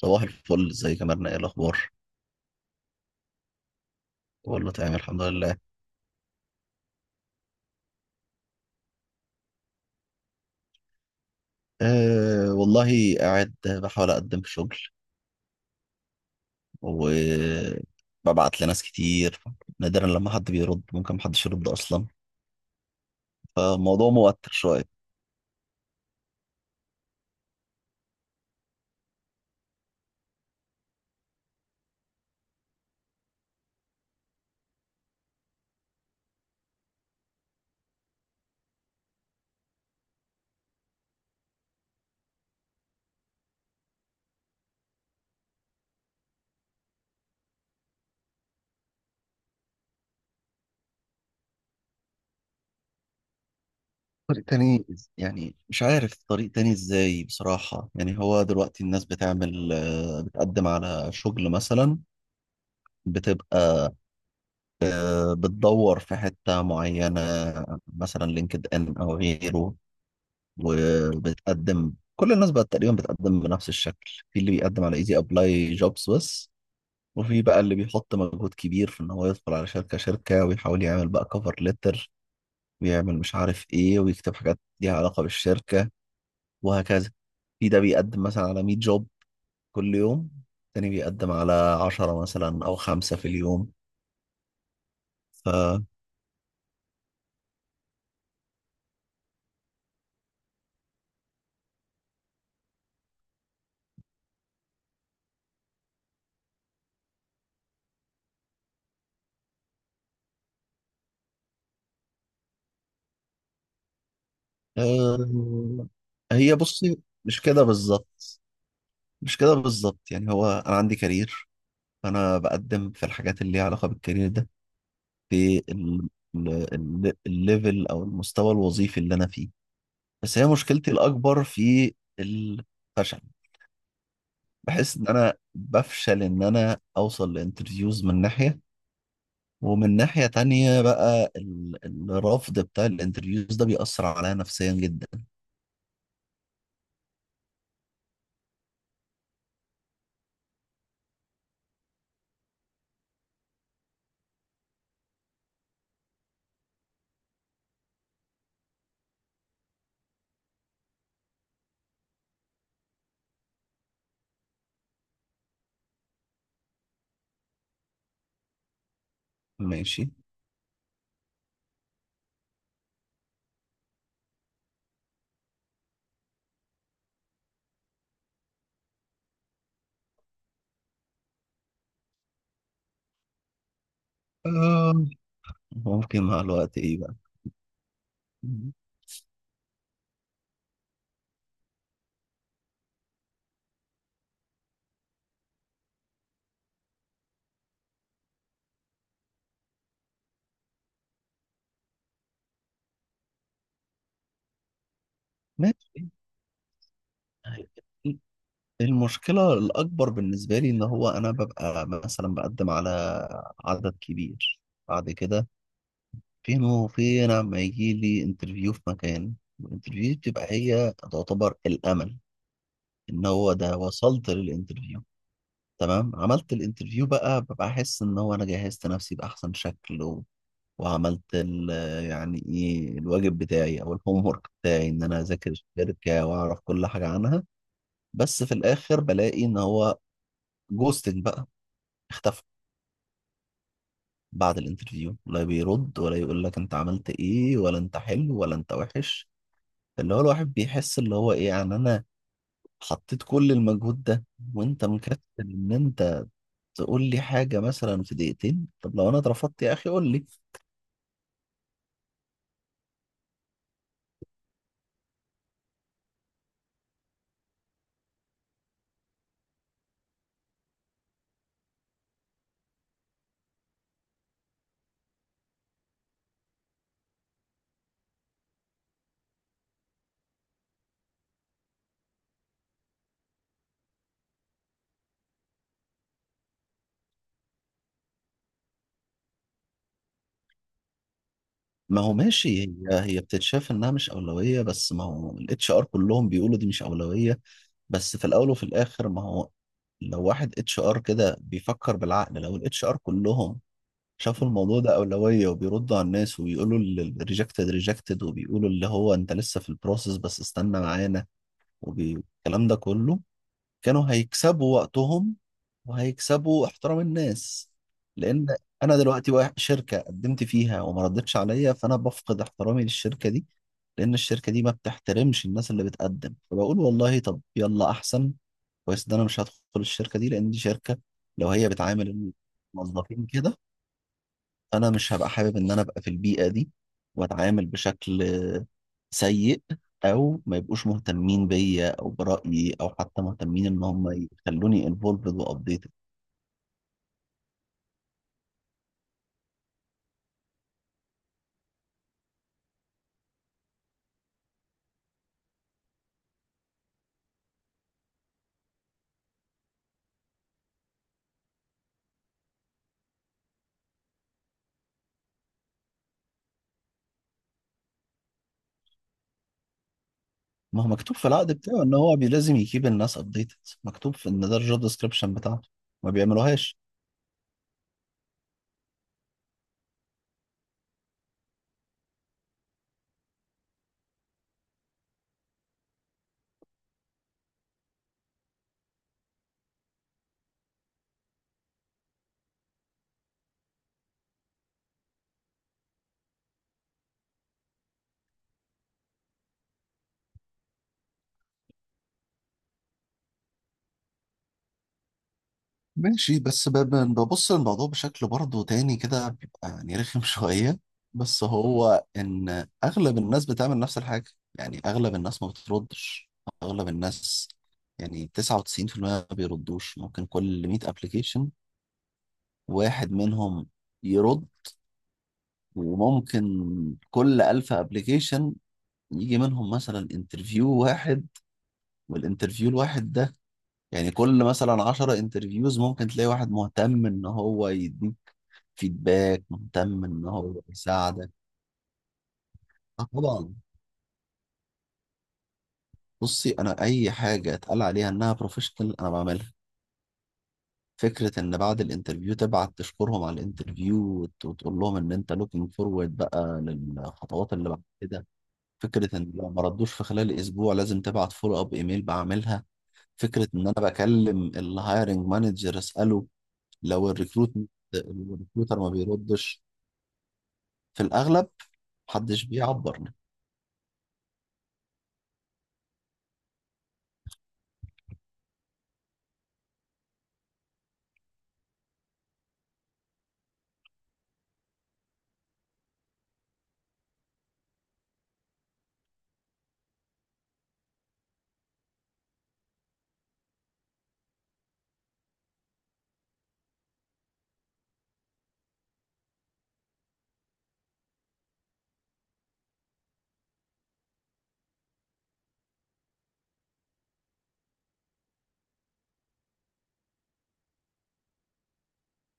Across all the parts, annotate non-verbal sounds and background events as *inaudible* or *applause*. صباح الفل، ازيك يا مرنة؟ ايه الاخبار؟ والله تمام الحمد لله. أه والله قاعد بحاول اقدم في شغل وببعت لناس كتير. نادرا لما حد بيرد، ممكن محدش يرد اصلا، فالموضوع موتر شوية. طريق تاني يعني مش عارف طريق تاني ازاي بصراحة. يعني هو دلوقتي الناس بتعمل، بتقدم على شغل مثلا، بتبقى، بتدور في حتة معينة، مثلا لينكد ان او غيره. وبتقدم كل الناس بقت تقريبا بتقدم بنفس الشكل، في اللي بيقدم على ايزي ابلاي جوبز بس، وفي بقى اللي بيحط مجهود كبير في ان هو يدخل على شركة شركة ويحاول يعمل بقى كفر ليتر، ويعمل مش عارف ايه، ويكتب حاجات ليها علاقة بالشركة، وهكذا. في ده بيقدم مثلا على 100 جوب كل يوم، تاني بيقدم على 10 مثلا او خمسة في اليوم. ف آه، هي بصي، مش كده بالظبط، مش كده بالظبط، يعني هو انا عندي كارير، فانا بقدم في الحاجات اللي ليها علاقه بالكارير ده، في الليفل او المستوى الوظيفي اللي انا فيه. بس هي مشكلتي الاكبر في الفشل، بحس ان انا بفشل ان انا اوصل لانترفيوز من ناحيه، ومن ناحيه تانية بقى الرفض بتاع الانترفيوز ده بيأثر عليا نفسيا جدا. ماشي. آه، ممكن مع الوقت ايه بقى؟ ماشي. المشكلة الأكبر بالنسبة لي إن هو أنا ببقى مثلا بقدم على عدد كبير، بعد كده فين وفين لما يجي لي انترفيو في مكان، الانترفيو بتبقى هي تعتبر الأمل، إن هو ده وصلت للانترفيو. تمام، عملت الانترفيو بقى، ببقى أحس إن هو أنا جهزت نفسي بأحسن شكل، وعملت يعني إيه الواجب بتاعي أو الهوم ورك بتاعي، إن أنا أذاكر الشركة وأعرف كل حاجة عنها. بس في الآخر بلاقي إن هو جوستنج بقى، اختفى بعد الانترفيو، لا بيرد ولا يقول لك انت عملت ايه ولا انت حلو ولا انت وحش. اللي هو الواحد بيحس اللي هو ايه؟ يعني انا حطيت كل المجهود ده وانت مكسل ان انت تقول لي حاجة مثلا في دقيقتين؟ طب لو انا اترفضت يا اخي قول لي. ما هو ماشي، هي بتتشاف انها مش اولوية، بس ما هو الاتش ار كلهم بيقولوا دي مش اولوية. بس في الاول وفي الاخر، ما هو لو واحد اتش ار كده بيفكر بالعقل، لو الاتش ار كلهم شافوا الموضوع ده أولوية وبيردوا على الناس وبيقولوا الريجكتد ريجكتد، وبيقولوا اللي هو أنت لسه في البروسيس بس استنى معانا، والكلام ده كله، كانوا هيكسبوا وقتهم وهيكسبوا احترام الناس. لأن أنا دلوقتي واحد شركة قدمت فيها وما ردتش عليا، فأنا بفقد احترامي للشركة دي، لأن الشركة دي ما بتحترمش الناس اللي بتقدم، فبقول والله طب يلا، أحسن كويس ده أنا مش هدخل الشركة دي، لأن دي شركة لو هي بتعامل الموظفين كده، انا مش هبقى حابب ان انا ابقى في البيئه دي واتعامل بشكل سيء، او ما يبقوش مهتمين بيا او برايي، او حتى مهتمين ان هم يخلوني انفولفد وابديتد. ما هو مكتوب في العقد بتاعه ان هو لازم يكيب الناس ابديتد، مكتوب في ان ده الجوب ديسكربشن بتاعته، ما بيعملوهاش. ماشي، بس ببص للموضوع بشكل برضه تاني كده، بيبقى يعني رخم *laughs* شوية. بس هو إن أغلب الناس بتعمل نفس الحاجة، يعني أغلب الناس ما بتردش، أغلب الناس يعني 99% ما بيردوش، ممكن كل 100 أبليكيشن واحد منهم يرد، وممكن كل 1000 أبليكيشن يجي منهم مثلا انترفيو واحد، والانترفيو الواحد ده يعني كل مثلا 10 انترفيوز ممكن تلاقي واحد مهتم ان هو يديك فيدباك، مهتم ان هو يساعدك. اه طبعا. بصي انا اي حاجه اتقال عليها انها بروفيشنال انا بعملها. فكره ان بعد الانترفيو تبعت تشكرهم على الانترفيو وتقول لهم ان انت لوكينج فورورد بقى للخطوات اللي بعد كده، فكره ان لو ما ردوش في خلال اسبوع لازم تبعت فولو اب ايميل بعملها، فكره ان انا بكلم الهايرنج مانجر اساله لو الريكروتر ما بيردش في الاغلب، محدش بيعبر.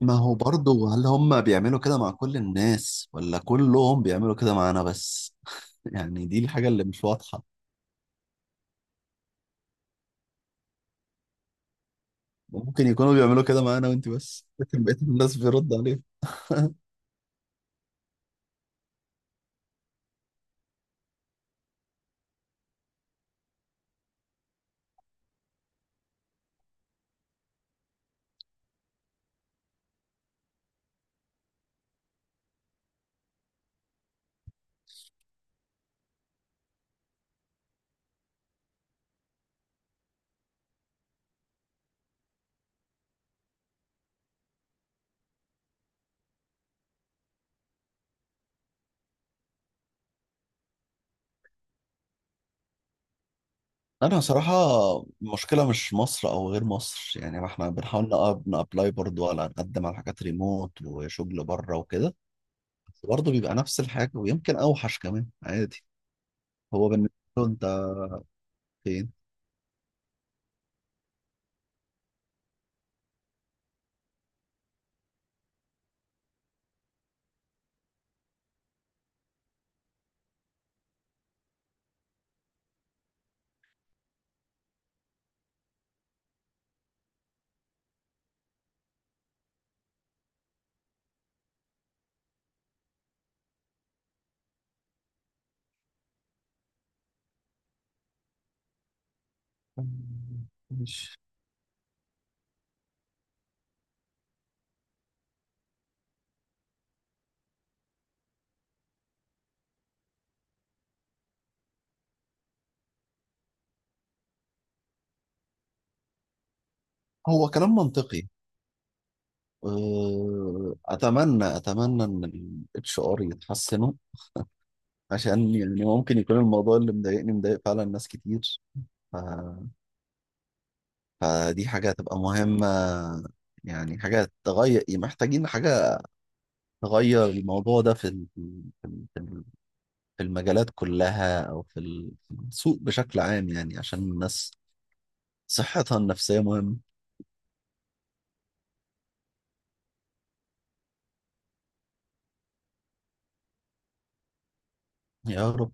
ما هو برضه، هل هم بيعملوا كده مع كل الناس ولا كلهم بيعملوا كده معانا بس؟ *laughs* يعني دي الحاجة اللي مش واضحة، ممكن يكونوا بيعملوا كده معانا وانت بس، لكن بقية الناس بيرد عليهم. انا صراحة المشكلة مش مصر او غير مصر، يعني ما احنا بنحاول نابلاي برضه على، نقدم على حاجات ريموت وشغل بره وكده، بس برضه بيبقى نفس الحاجة، ويمكن اوحش كمان عادي. هو بالنسبة له انت فين؟ مش هو كلام منطقي. آه، اتمنى اتمنى ان الاتش ار يتحسنوا، عشان يعني ممكن يكون الموضوع اللي مضايقني مضايق فعلا ناس كتير. ف... فدي حاجه هتبقى مهمه، يعني حاجه تغير، محتاجين حاجه تغير الموضوع ده في في ال- في ال- في المجالات كلها، او في السوق بشكل عام، يعني عشان الناس صحتها النفسيه مهمه. يا رب.